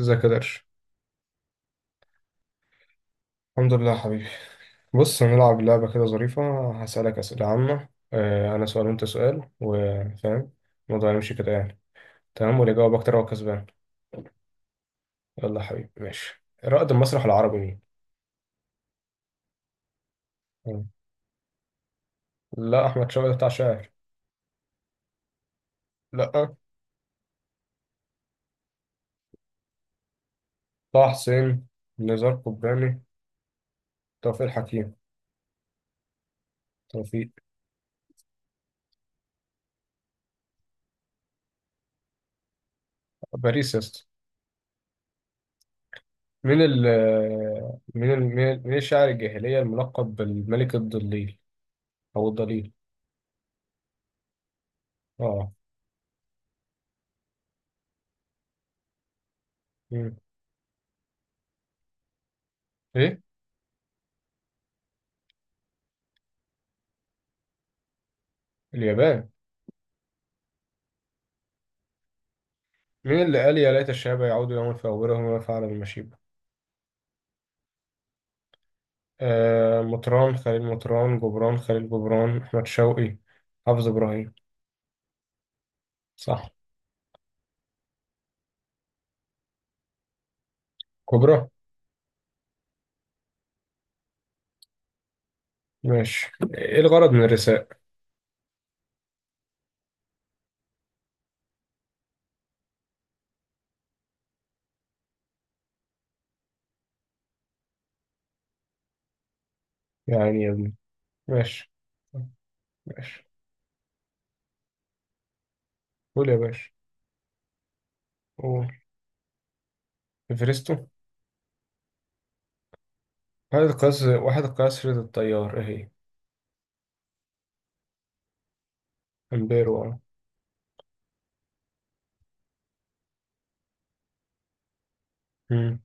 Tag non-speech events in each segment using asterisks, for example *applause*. ازيك يا درش؟ الحمد لله يا حبيبي. بص، هنلعب لعبة كده ظريفة. هسألك أسئلة عامة، أنا سؤال وأنت سؤال، وفاهم الموضوع هيمشي كده يعني. تمام، واللي يجاوب أكتر هو كسبان. يلا يا حبيبي. ماشي، رائد المسرح العربي مين؟ آه. لا، أحمد شوقي بتاع شاعر. لا. طه حسين، نزار قباني، توفيق الحكيم. توفيق. باريس يا اسطى. مين ال مين الشاعر الجاهلية الملقب بالملك الضليل، أو الضليل؟ اه. مم. إيه؟ اليابان. مين اللي قال يا ليت الشباب يعودوا يوما فأولهم ما فعل بالمشيب؟ آه، مطران خليل مطران، جبران خليل جبران، أحمد شوقي، حافظ إبراهيم. صح. كبرى. ماشي، إيه الغرض من الرساء؟ يعني يا ابني. ماشي. ماشي، قول يا باشا. قول. إفرستو. وحدة قياس، وحدة قياس رياض التيار إيه هي؟ أمبيرو أه. مم.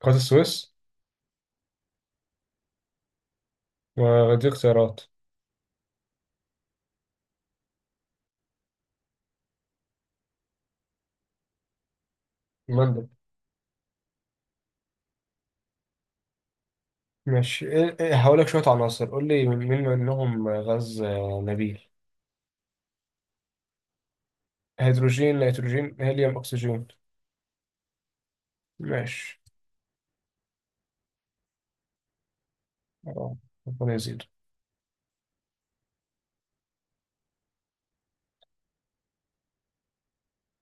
قناة السويس. ودي اختيارات. مندب. ماشي، إيه- إيه، هقول لك شوية عناصر، قول لي مين منهم غاز نبيل. هيدروجين، نيتروجين، هيليوم، أكسجين. ماشي. آه، ربنا يزيد.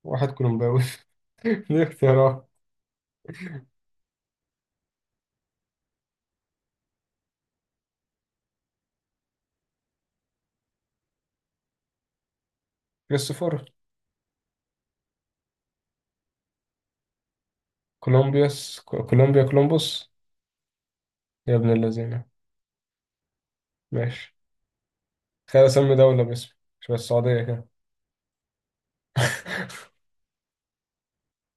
واحد كولومباوي. *laughs* ليه اختيارات؟ كريستوفر. كولومبيوس، كولومبيا، كولومبوس. يا ابن الذين. ماشي. تخيل أسمي دولة باسمي. شبه السعودية كده. *laughs*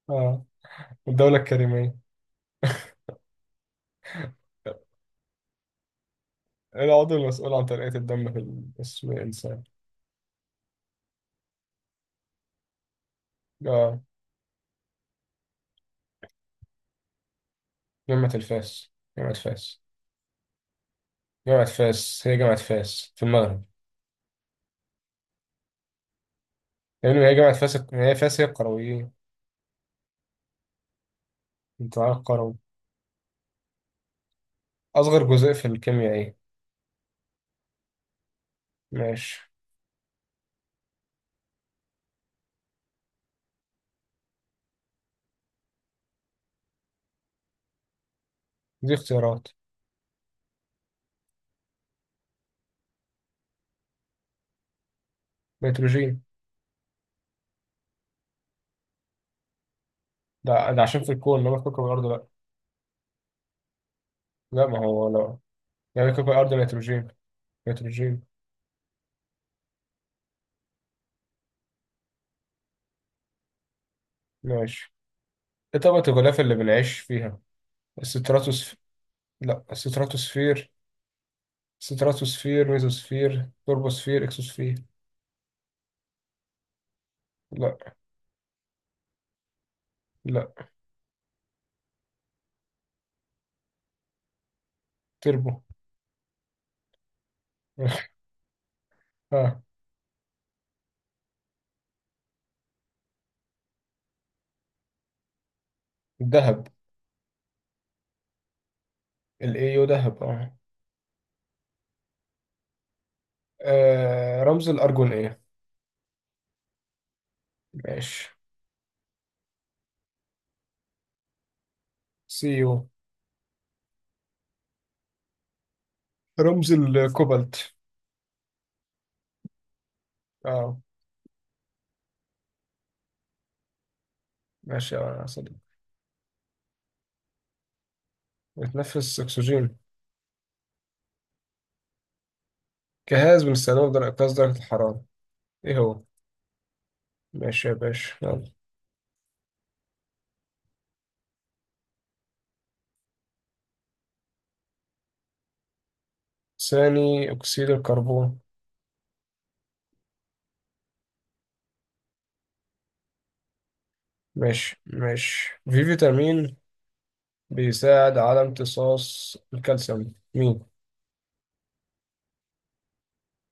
اه. الدولة الكريمية. العضو المسؤول عن تنقية الدم في جسم الإنسان. اه. جامعة الفاس. جامعة فاس. جامعة فاس، هي جامعة فاس في المغرب. يعني هي جامعة فاس، هي فاس، هي القرويين. انت عارف. أصغر جزيء في الكيمياء إيه؟ ماشي. دي اختيارات. نيتروجين. ده عشان في الكون، إنما في كوكب الأرض لأ. لا، ما هو لأ. يعني كوكب الأرض نيتروجين. نيتروجين. ماشي. إيه طبقة الغلاف اللي بنعيش فيها؟ الستراتوسف الستراتوسفير. ستراتوسفير، ميزوسفير، توربوسفير، إكسوسفير. لأ. لأ. تربو. *laughs* آه. الذهب. الإيو ذهب. آه. آه، رمز الأرجون إيه؟ ماشي. سي يو. رمز الكوبالت. اه. ماشي يا صديقي. بتنفس أكسجين. جهاز بنستخدمه لدرجة قياس درجة الحرارة، إيه هو؟ ماشي يا باشا، يلا. ثاني أكسيد الكربون. ماشي. ماشي، في فيتامين بيساعد على امتصاص الكالسيوم، مين؟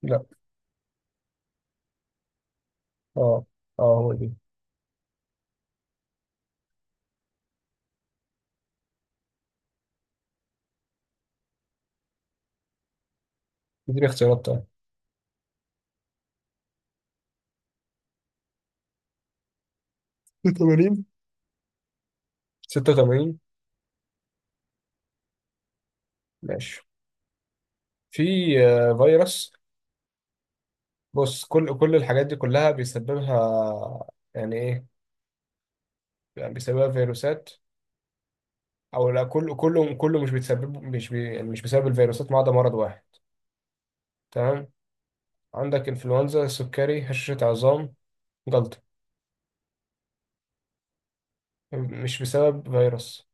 لا. اه. اه هو دي. دي اختيارات طيب. 86. 86. ماشي. في فيروس. بص، كل الحاجات دي كلها بيسببها، يعني ايه؟ يعني بيسببها فيروسات او لا. كله كله كله مش بيتسبب، مش بي يعني مش بسبب الفيروسات، ما عدا مرض واحد. تمام. عندك انفلونزا، سكري، هشاشة عظام، جلطة. مش بسبب فيروس.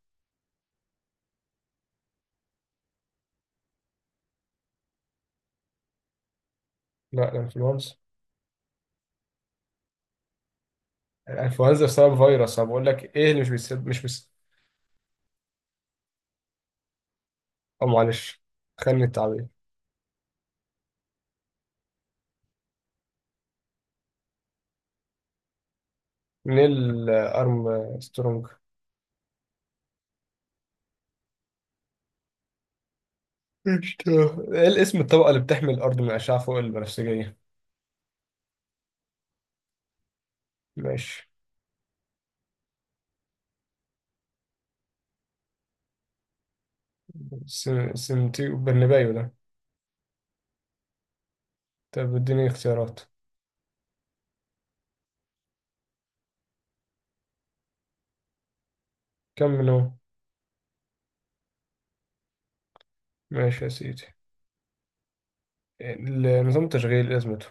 لا، الانفلونزا. الانفلونزا بسبب فيروس، انا بقول لك ايه اللي مش بيسبب مش بس او معلش، خلني التعبير. نيل. ارم. سترونج. مش ت- ايه الاسم الطبقة اللي بتحمي الأرض من الأشعة فوق البنفسجية؟ ماشي. سمتي برنابيو ده. طب اديني اختيارات. كم منهم؟ ماشي يا سيدي. نظام التشغيل إيه لازمته؟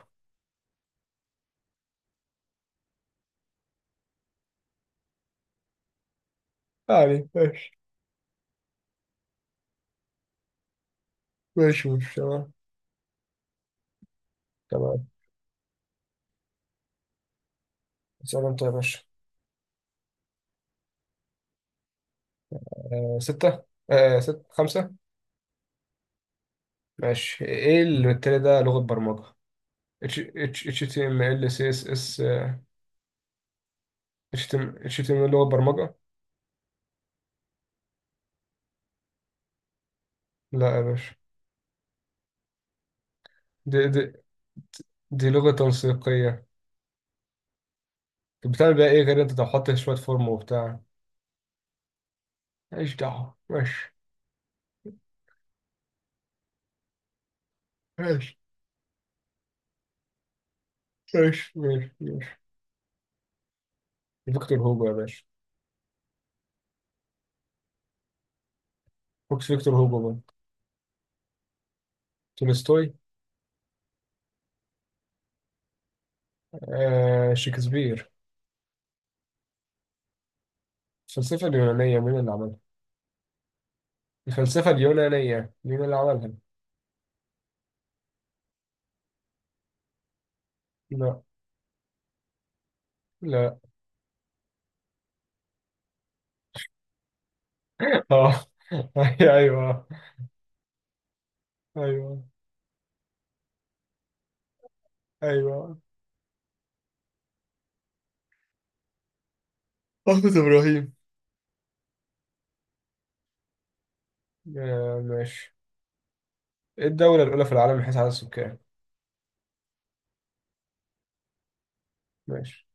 يعني ماشي. ماشي ماشي تمام. تمام. اسأل انت يا باشا. آه ستة. آه، ست، خمسة. ماشي. ايه اللي بالتالي ده لغة برمجة؟ اتش اتش اتش تي ام ال، سي اس اس. اتش تي ام لغة برمجة. لا يا باشا. دي دي دي لغة تنسيقية. طب بتعمل بيها ايه غير انت تحط شوية فورم وبتاع؟ ماليش دعوة. ماشي ماشي ماشي. ماشي. ماشي. فيكتور هوجو يا باشا. فوكس، فيكتور هوجو بقى. تولستوي. آه شكسبير. الفلسفة اليونانية مين اللي عملها؟ الفلسفة اليونانية مين اللي عملها؟ لا. لا. *laughs* اه. ايوه. ايوه. ايوه. أحمد إبراهيم. آه ماشي. ايه الدولة الأولى في العالم من حيث عدد السكان؟ ماشي.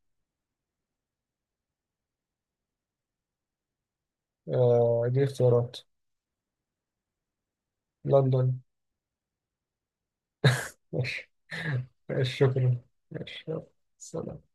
آه دي اختيارات. لندن. ماشي. *laughs* ماشي، شكرا. ماشي يلا. سلام.